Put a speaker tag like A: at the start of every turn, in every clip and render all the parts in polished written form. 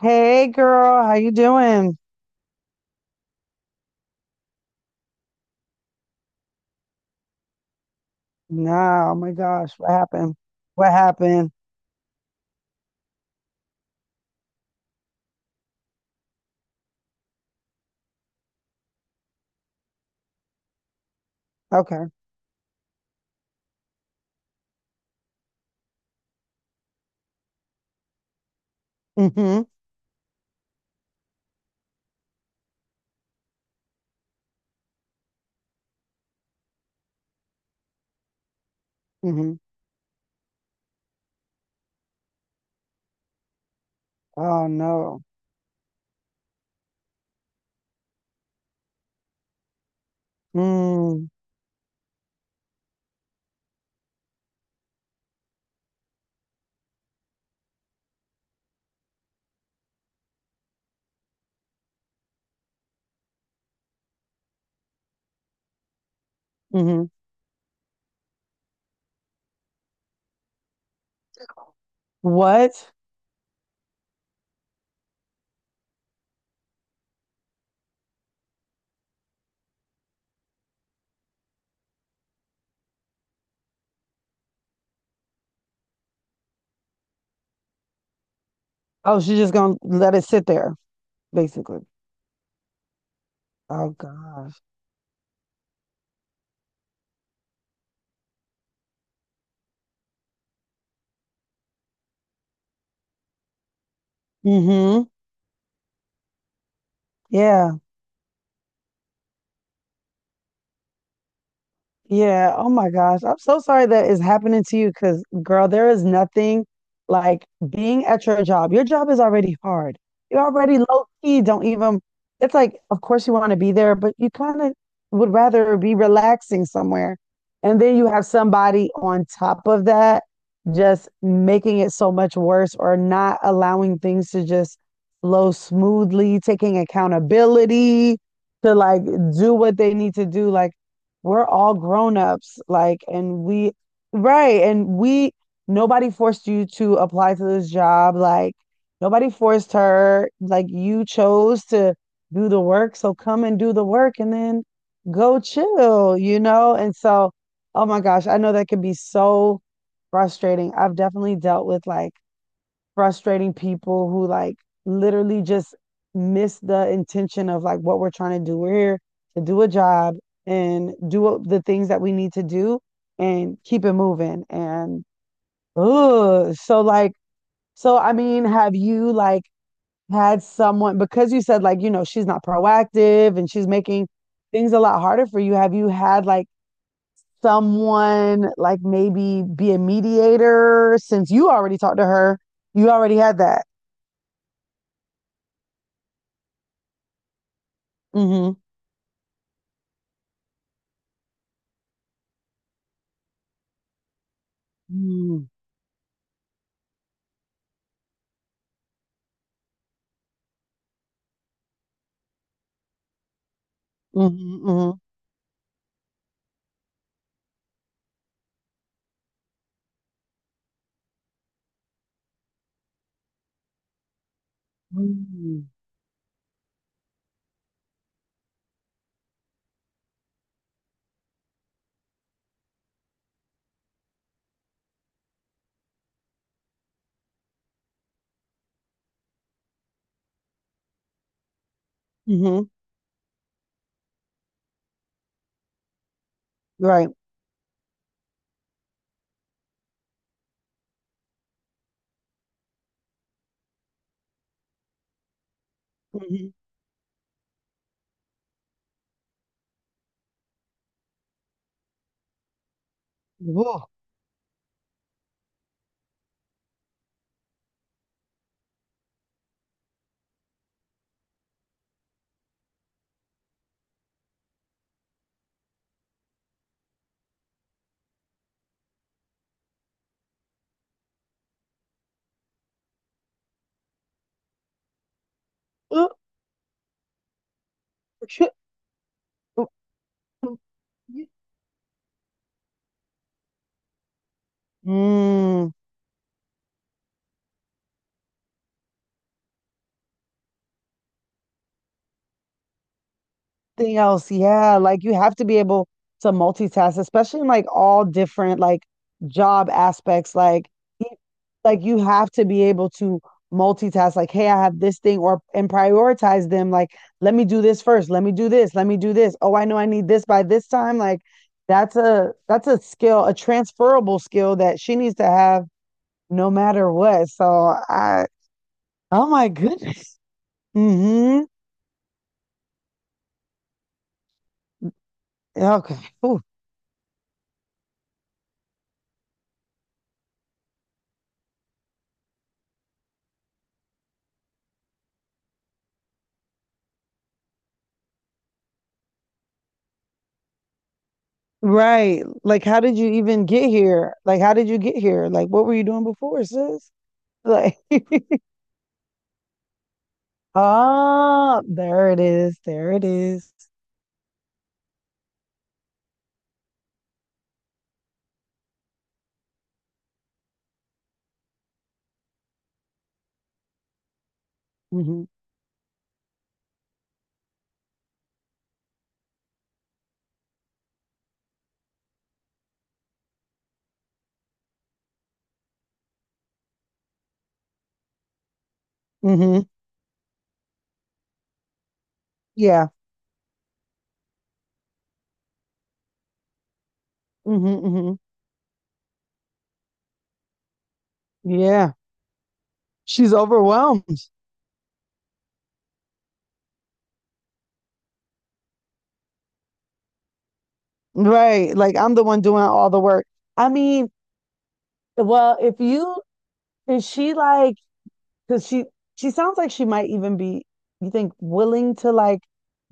A: Hey girl, how you doing? No, oh my gosh, what happened? What happened? Okay. Mm-hmm. Mm-hmm. Oh no. Mm, mm-hmm. What? Oh, she's just gonna let it sit there, basically. Oh gosh. Mm-hmm. Yeah. Yeah. Oh my gosh, I'm so sorry that is happening to you because, girl, there is nothing like being at your job. Your job is already hard. You're already low key. Don't even, It's like, of course, you want to be there, but you kind of would rather be relaxing somewhere. And then you have somebody on top of that just making it so much worse, or not allowing things to just flow smoothly, taking accountability to like do what they need to do. Like, we're all grown-ups, like, right, nobody forced you to apply to this job, like, nobody forced her, like, you chose to do the work, so come and do the work and then go chill, you know? And so, oh my gosh, I know that can be so frustrating. I've definitely dealt with like frustrating people who like literally just miss the intention of like what we're trying to do. We're here to do a job and do the things that we need to do and keep it moving. And ugh, so like, so I mean, have you like had someone, because you said like, you know, she's not proactive and she's making things a lot harder for you. Have you had like someone like maybe be a mediator since you already talked to her? You already had that. Hmm. Mm, mhm, mhm, mm, mhm, right. Mm-hmm. Oh, uh, shit. Oh, yeah. Mm. Thing else, yeah, like you have to be able to multitask, especially in like all different like job aspects. Like, y- like you have to be able to multitask. Like, hey, I have this thing, or and prioritize them. Like, let me do this first. Let me do this. Let me do this. Oh, I know I need this by this time. Like, that's a skill, a transferable skill that she needs to have no matter what. So I, oh my goodness. Mm-hmm. Okay. Oof. Right. Like, how did you even get here? Like, how did you get here? Like, what were you doing before, sis? Like, ah, there it is. There it is. Mm-hmm. Mm-hmm. Yeah. Mm-hmm. Hmm. Yeah. She's overwhelmed. Right. Like, I'm the one doing all the work. I mean, well, if you, is she like, because she sounds like she might even be, you think, willing to like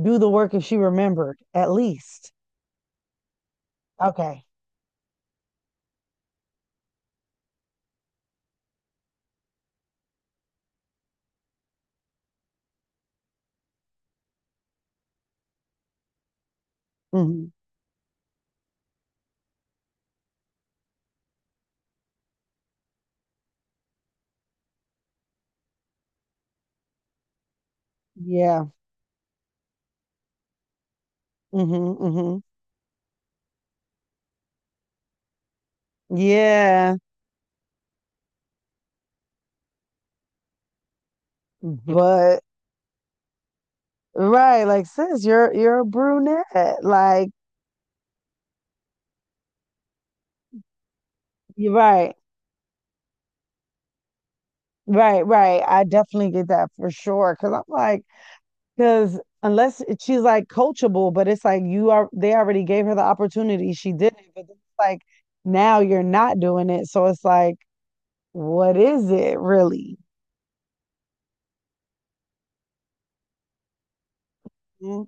A: do the work if she remembered, at least. Okay. Hmm. Yeah. Mm-hmm, mm-hmm. Yeah, but right, like sis, you're a brunette. Like you're right, right, right. I definitely get that for sure. Cause I'm like, cause unless it- she's like coachable, but it's like you are they already gave her the opportunity. She didn't, but it's like now you're not doing it. So it's like, what is it really? Mhm.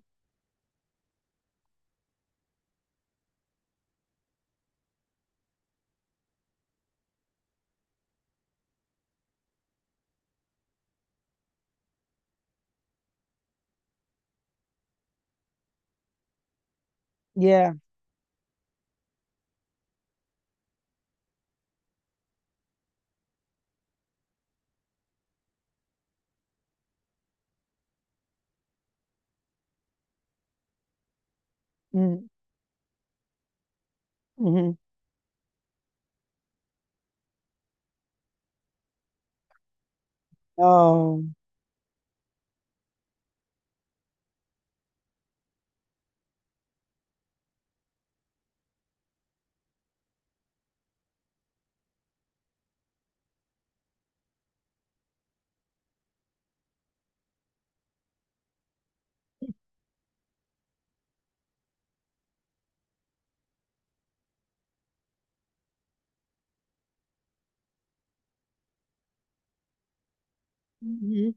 A: Yeah. Mm-hmm, mm-hmm. Oh. Hmm.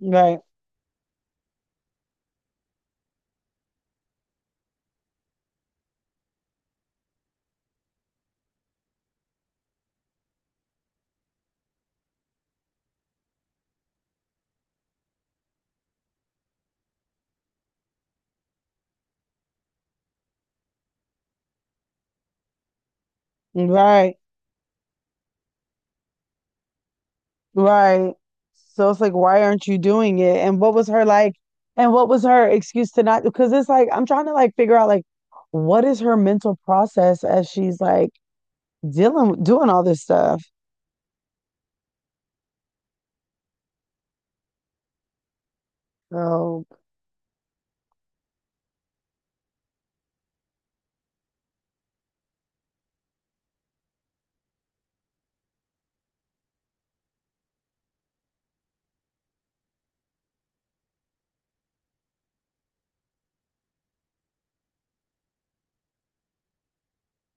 A: Right. Right. Right. So it's like, why aren't you doing it? And what was her like? And what was her excuse to not? Because it's like, I'm trying to like figure out like, what is her mental process as she's like dealing, doing all this stuff? So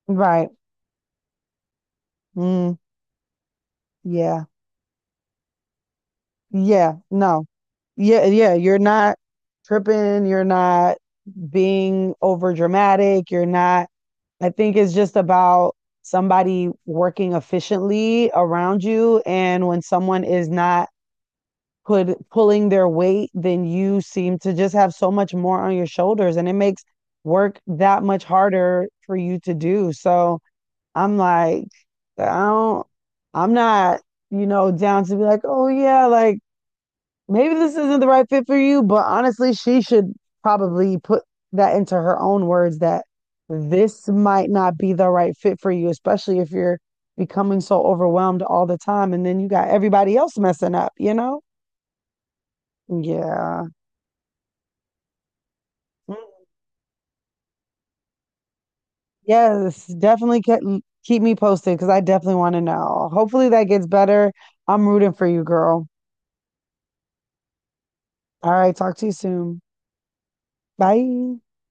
A: right. Mm, yeah. Yeah. No. Yeah. Yeah. You're not tripping. You're not being over dramatic. You're not, I think it's just about somebody working efficiently around you. And when someone is not, could pulling their weight, then you seem to just have so much more on your shoulders and it makes work that much harder for you to do. So I'm like, I don't, I'm not, you know, down to be like, oh yeah, like maybe this isn't the right fit for you. But honestly, she should probably put that into her own words, that this might not be the right fit for you, especially if you're becoming so overwhelmed all the time. And then you got everybody else messing up, you know? Yeah. Mm, yes, definitely ke- keep me posted because I definitely want to know. Hopefully that gets better. I'm rooting for you, girl. All right, talk to you soon. Bye.